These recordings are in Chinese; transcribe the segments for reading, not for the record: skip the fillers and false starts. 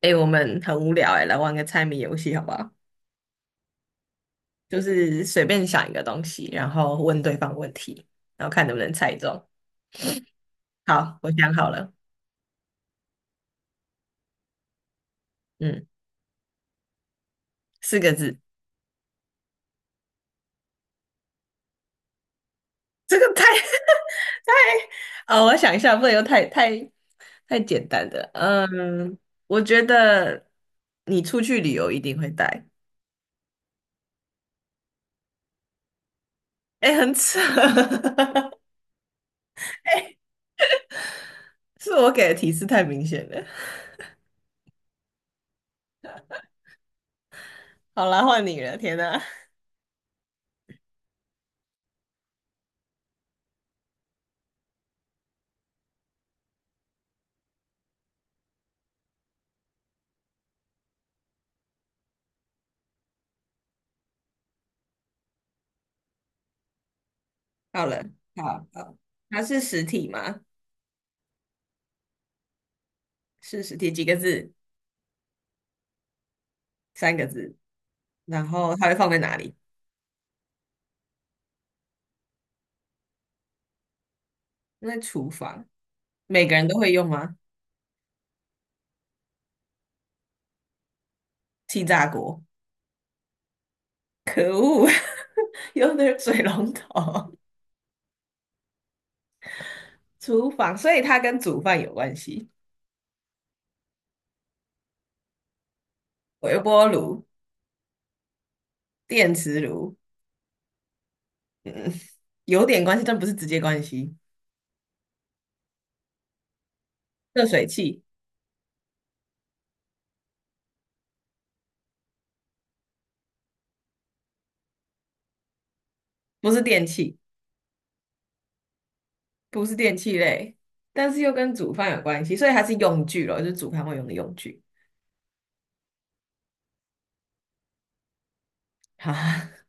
哎、我们很无聊哎、来玩个猜谜游戏好不好？就是随便想一个东西，然后问对方问题，然后看能不能猜中。好，我想好了，嗯，4个字。这个太 太……哦，我想一下，不能又太简单的。嗯，我觉得你出去旅游一定会带。哎、很扯。哎、是我给的提示太明显了。好啦，换你了。天哪，好了，好好，它是实体吗？是实体，几个字？三个字，然后它会放在哪里？在厨房，每个人都会用吗？气炸锅，可恶，用的是水龙头。厨房，所以它跟煮饭有关系。微波炉、电磁炉有点关系，但不是直接关系。热水器不是电器，不是电器类，但是又跟煮饭有关系，所以它是用具咯，就是煮饭会用的用具。哈，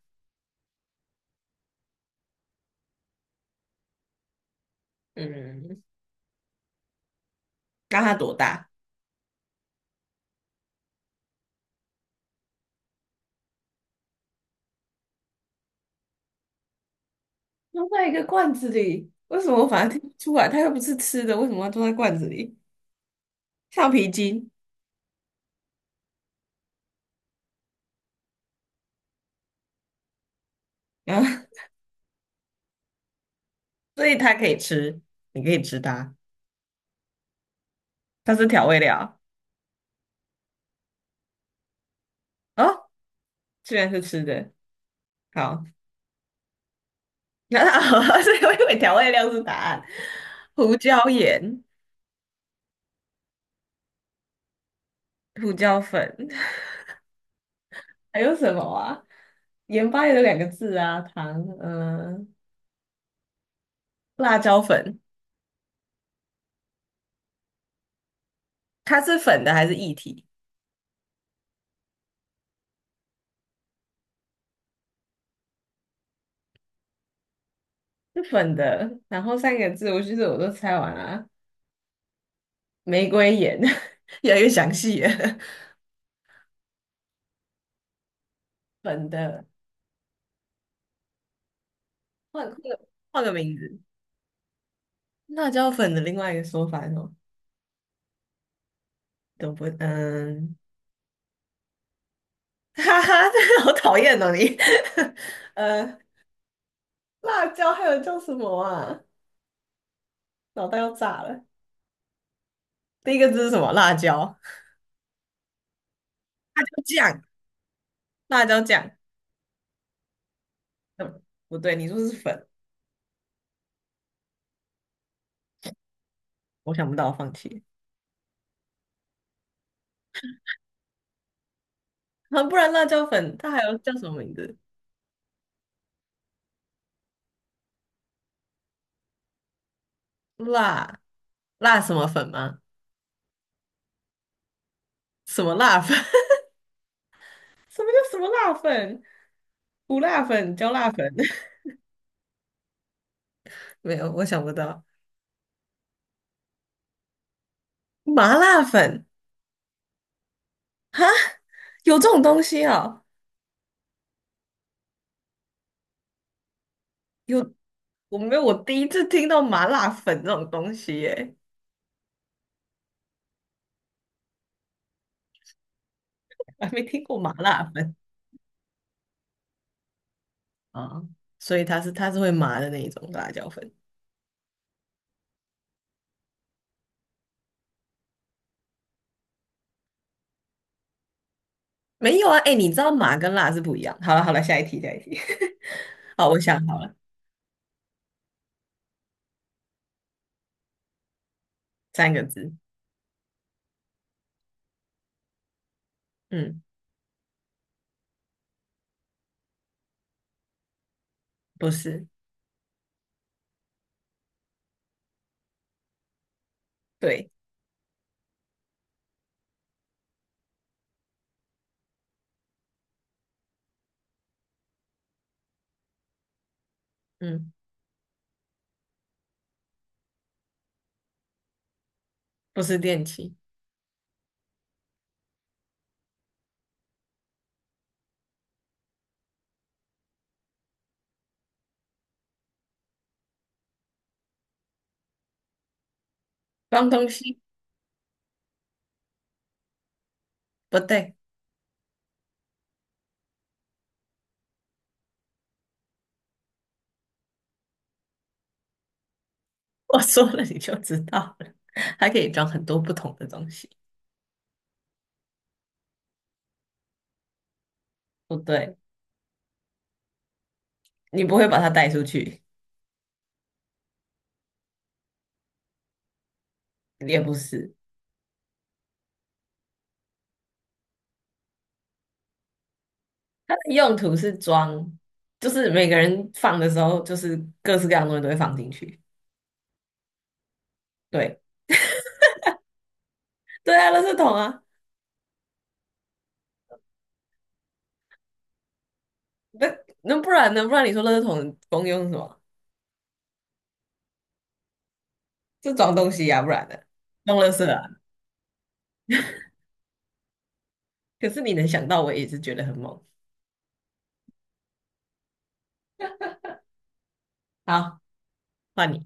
嗯，那它多大？装在一个罐子里，为什么我反而听不出来？它又不是吃的，为什么要装在罐子里？橡皮筋啊，所以它可以吃，你可以吃它，它是调味料哦，居然是吃的，好，那所以我以为调味料是答案，胡椒盐、胡椒粉，还有什么啊？盐巴也有两个字啊，糖，嗯、辣椒粉，它是粉的还是液体？是粉的，然后三个字，其实我都猜完了。玫瑰盐，越来越详细了。粉的，换个名字，辣椒粉的另外一个说法是什么？都不，嗯，哈哈，这好讨厌哦你。呃，辣椒还有叫什么啊？脑袋要炸了。第一个字是什么？辣椒，辣椒酱，辣椒酱。嗯，不对，你说是粉，我想不到，放弃。啊，不然辣椒粉它还有叫什么名字？辣辣什么粉吗？什么辣粉？什么叫什么辣粉？胡辣粉、椒辣粉，没有，我想不到。麻辣粉有这种东西啊？有，我没有，我第一次听到麻辣粉这种东西耶，还没听过麻辣粉啊。所以它是会麻的那一种辣椒粉。没有啊，哎，你知道麻跟辣是不一样。好了好了，下一题下一题。好，我想好了，三个字。嗯，不是，对，嗯，不是电器，脏东西，不对。我说了你就知道了，它可以装很多不同的东西。不对，你不会把它带出去，也不是。它的用途是装，就是每个人放的时候，就是各式各样的东西都会放进去。对，对啊，垃圾桶啊，那那不然呢？不然你说垃圾桶的功用是什么？是装东西呀、不然的，用垃圾啊。可是你能想到，我也是觉得很猛。好，换你，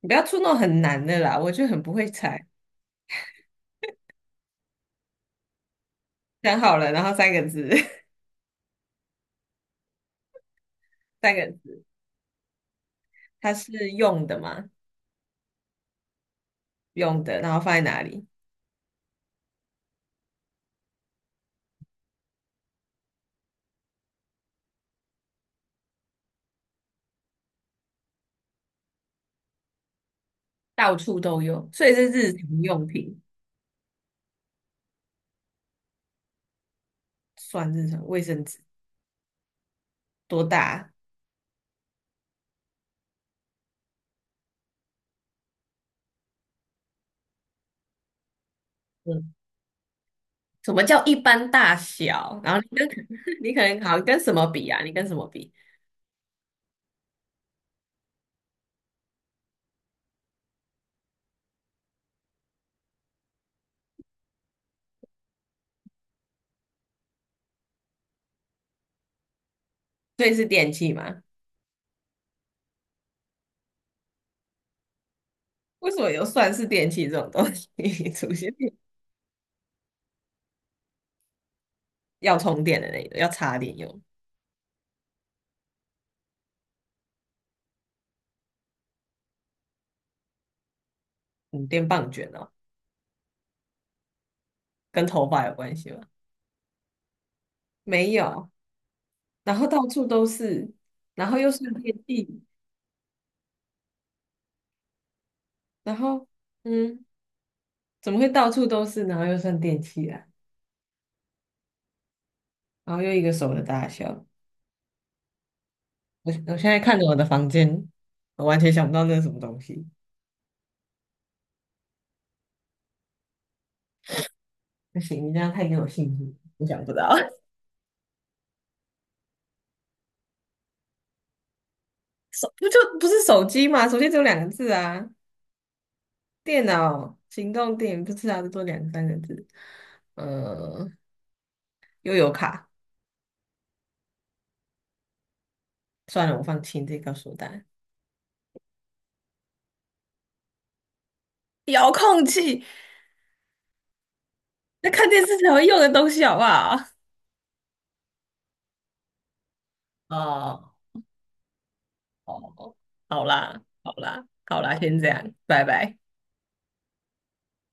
你不要出那种很难的啦，我就很不会猜。想好了，然后三个字，三个字，它是用的吗？用的，然后放在哪里？到处都有，所以是日常用品，算日常卫生纸多大啊嗯，什么叫一般大小？然后你跟 你可能好像跟什么比啊？你跟什么比？所以是电器吗？为什么有算是电器这种东西 出现？要充电的那种，要插电用，嗯，电棒卷哦，跟头发有关系吗？没有，然后到处都是，然后又算电器，然后嗯，怎么会到处都是，然后又算电器啊？然后又一个手的大小。我现在看着我的房间，我完全想不到那是什么东西。不行，你这样太给我信心，我想不到。手不就不是手机嘛？手机只有两个字啊，电脑、行动电不是啊，最多2、3个字。嗯，又有卡，算了，我放弃，你自己告诉我答案。遥控器，那看电视才会用的东西，好不好？哦，哦，好啦，好啦，好啦，先这样，拜拜。